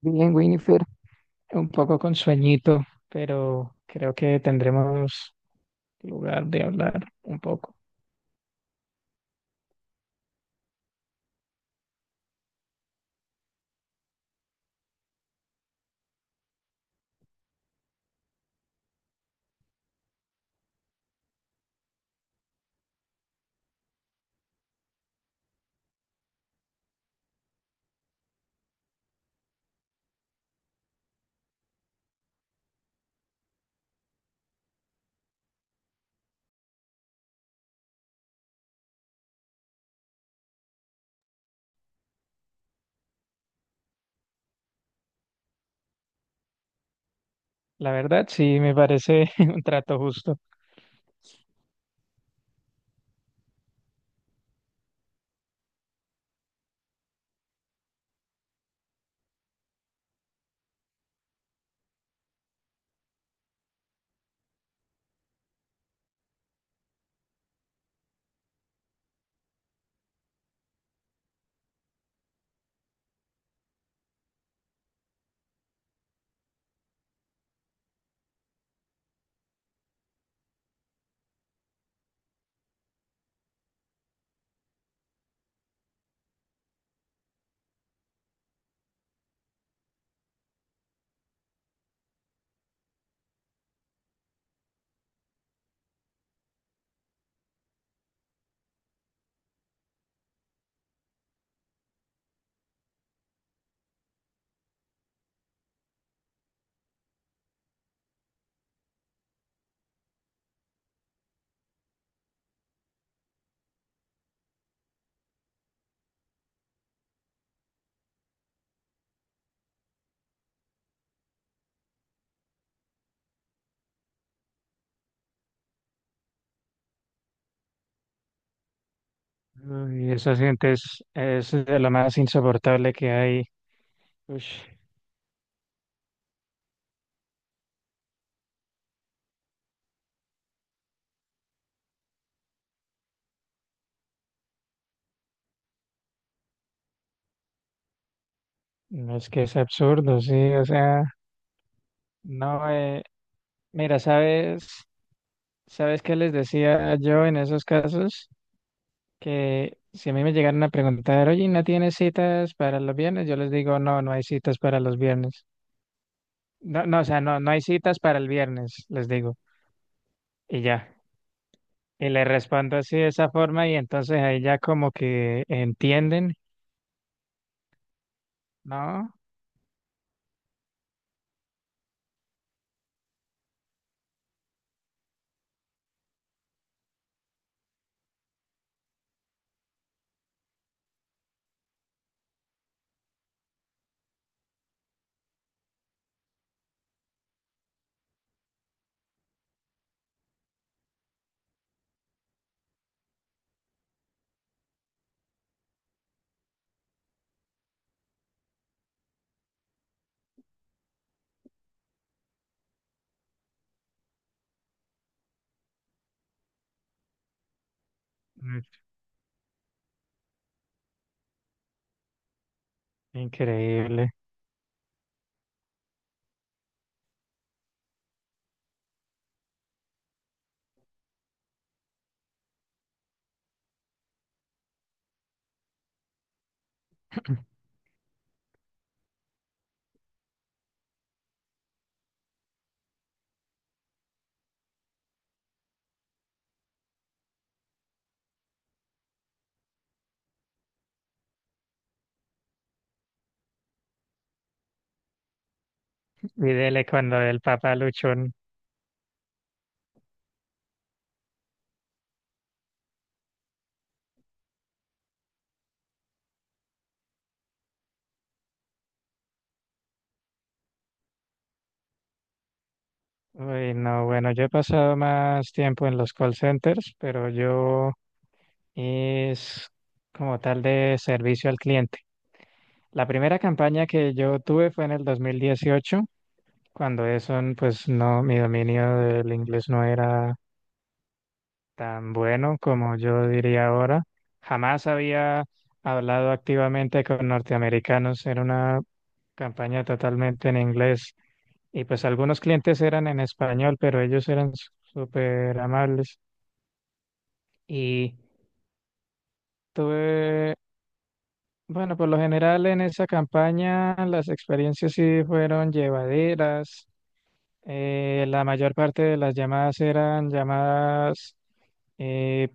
Bien, Winifred, un poco con sueñito, pero creo que tendremos lugar de hablar un poco. La verdad, sí, me parece un trato justo. Y esa gente es de lo más insoportable que hay. Ush, no es que es absurdo, sí, o sea, no, mira, ¿sabes qué les decía yo en esos casos? Que si a mí me llegaran a preguntar, oye, ¿no tienes citas para los viernes? Yo les digo, no, no hay citas para los viernes. No, no, o sea, no, no hay citas para el viernes, les digo, y ya. Y le respondo así de esa forma y entonces ahí ya como que entienden, ¿no? Mm. Increíble. Y dele cuando el papá luchón. Uy, no, bueno, yo he pasado más tiempo en los call centers, pero yo es como tal de servicio al cliente. La primera campaña que yo tuve fue en el 2018 cuando eso, pues no, mi dominio del inglés no era tan bueno como yo diría ahora. Jamás había hablado activamente con norteamericanos. Era una campaña totalmente en inglés. Y pues algunos clientes eran en español, pero ellos eran súper amables. Y tuve, bueno, por lo general en esa campaña las experiencias sí fueron llevaderas. La mayor parte de las llamadas eran llamadas eh,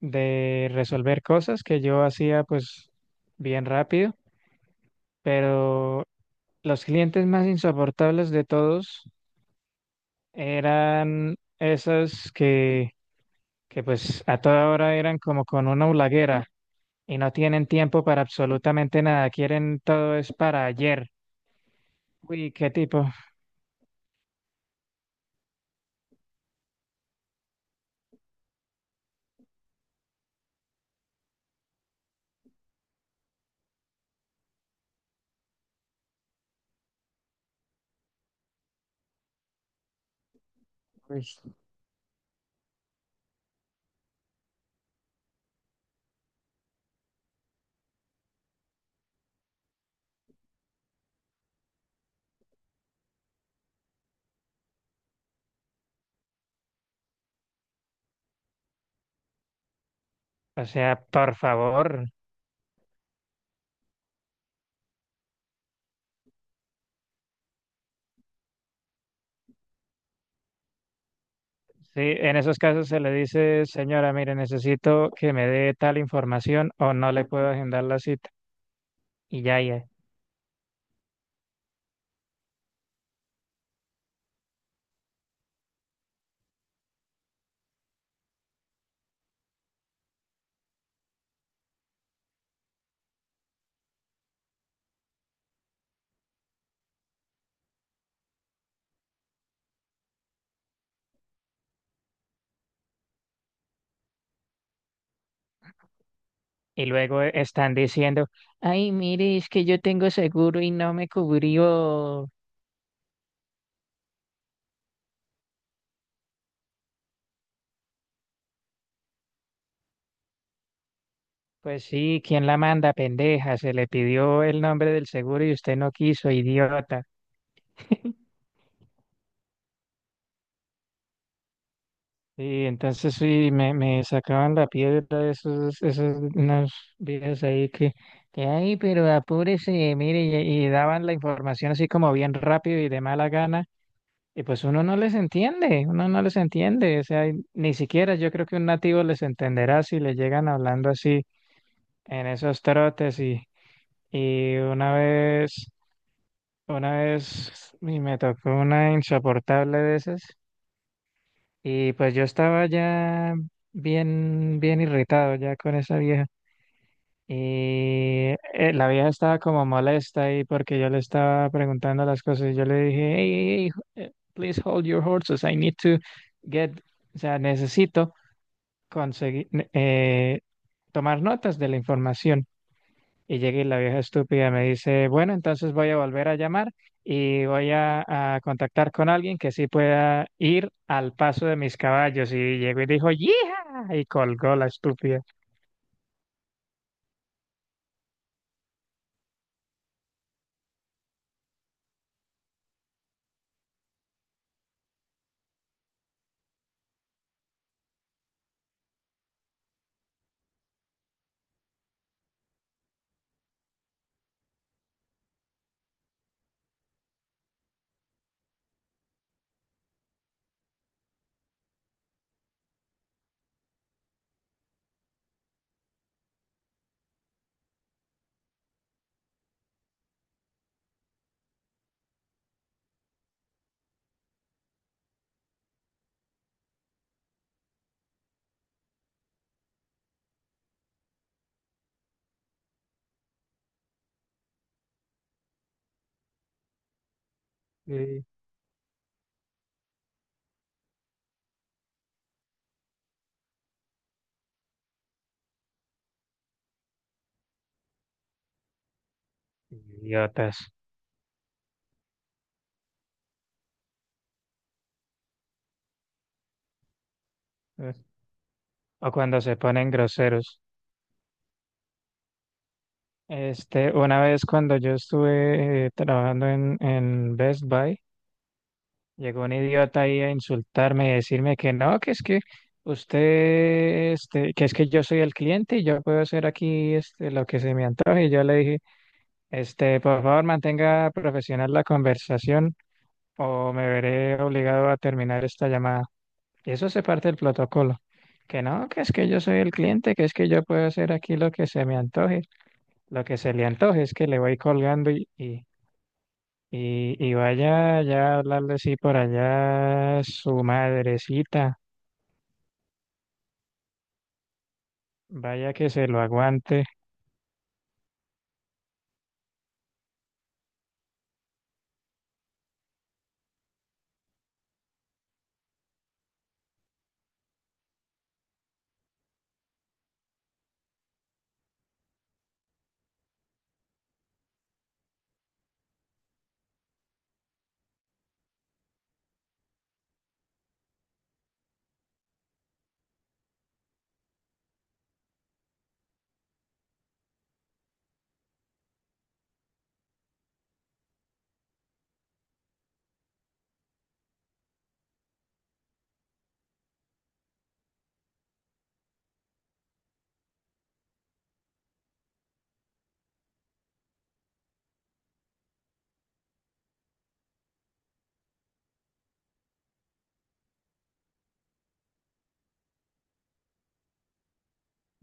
de resolver cosas que yo hacía pues bien rápido, pero los clientes más insoportables de todos eran esos que pues a toda hora eran como con una hulaguera y no tienen tiempo para absolutamente nada, quieren todo es para ayer. Uy, qué tipo. Uy. O sea, por favor. Sí, en esos casos se le dice, señora, mire, necesito que me dé tal información o no le puedo agendar la cita. Y ya, ya. Y luego están diciendo, ay, mire, es que yo tengo seguro y no me cubrió. Pues sí, ¿quién la manda, pendeja? Se le pidió el nombre del seguro y usted no quiso, idiota. Y entonces sí, me sacaban la piedra esos unos viejas ahí que, ay, pero apúrese, mire, y daban la información así como bien rápido y de mala gana. Y pues uno no les entiende, uno no les entiende, o sea, y ni siquiera yo creo que un nativo les entenderá si le llegan hablando así en esos trotes y una vez y me tocó una insoportable de esas y pues yo estaba ya bien, bien irritado ya con esa vieja. Y la vieja estaba como molesta ahí porque yo le estaba preguntando las cosas. Y yo le dije, hey, hey, hey, please hold your horses. I need to get, o sea, necesito conseguir, eh, tomar notas de la información. Y llega y la vieja estúpida me dice, bueno, entonces voy a volver a llamar y voy a contactar con alguien que sí pueda ir al paso de mis caballos. Y llegó y dijo, ¡yija! Y colgó la estúpida. Sí. Idiotas. O cuando se ponen groseros. Una vez cuando yo estuve trabajando en Best Buy, llegó un idiota ahí a insultarme y decirme que no, que es que usted, que es que yo soy el cliente y yo puedo hacer aquí lo que se me antoje. Y yo le dije, por favor, mantenga profesional la conversación o me veré obligado a terminar esta llamada. Y eso se parte del protocolo. Que no, que es que yo soy el cliente, que es que yo puedo hacer aquí lo que se me antoje. Lo que se le antoje es que le voy colgando y vaya ya a hablarle así por allá a su madrecita, vaya que se lo aguante.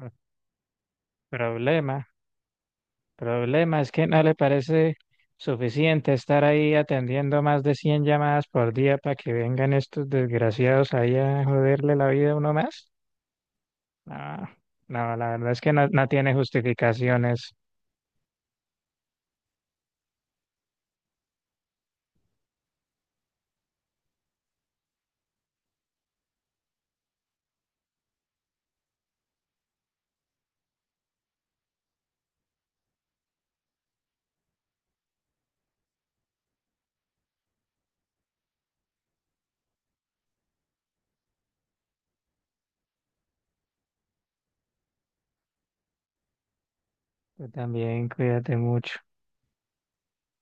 mm, Problema, problema es que no le parece suficiente estar ahí atendiendo más de 100 llamadas por día para que vengan estos desgraciados ahí a joderle la vida a uno más. No, no, la verdad es que no, no tiene justificaciones. Tú también cuídate mucho.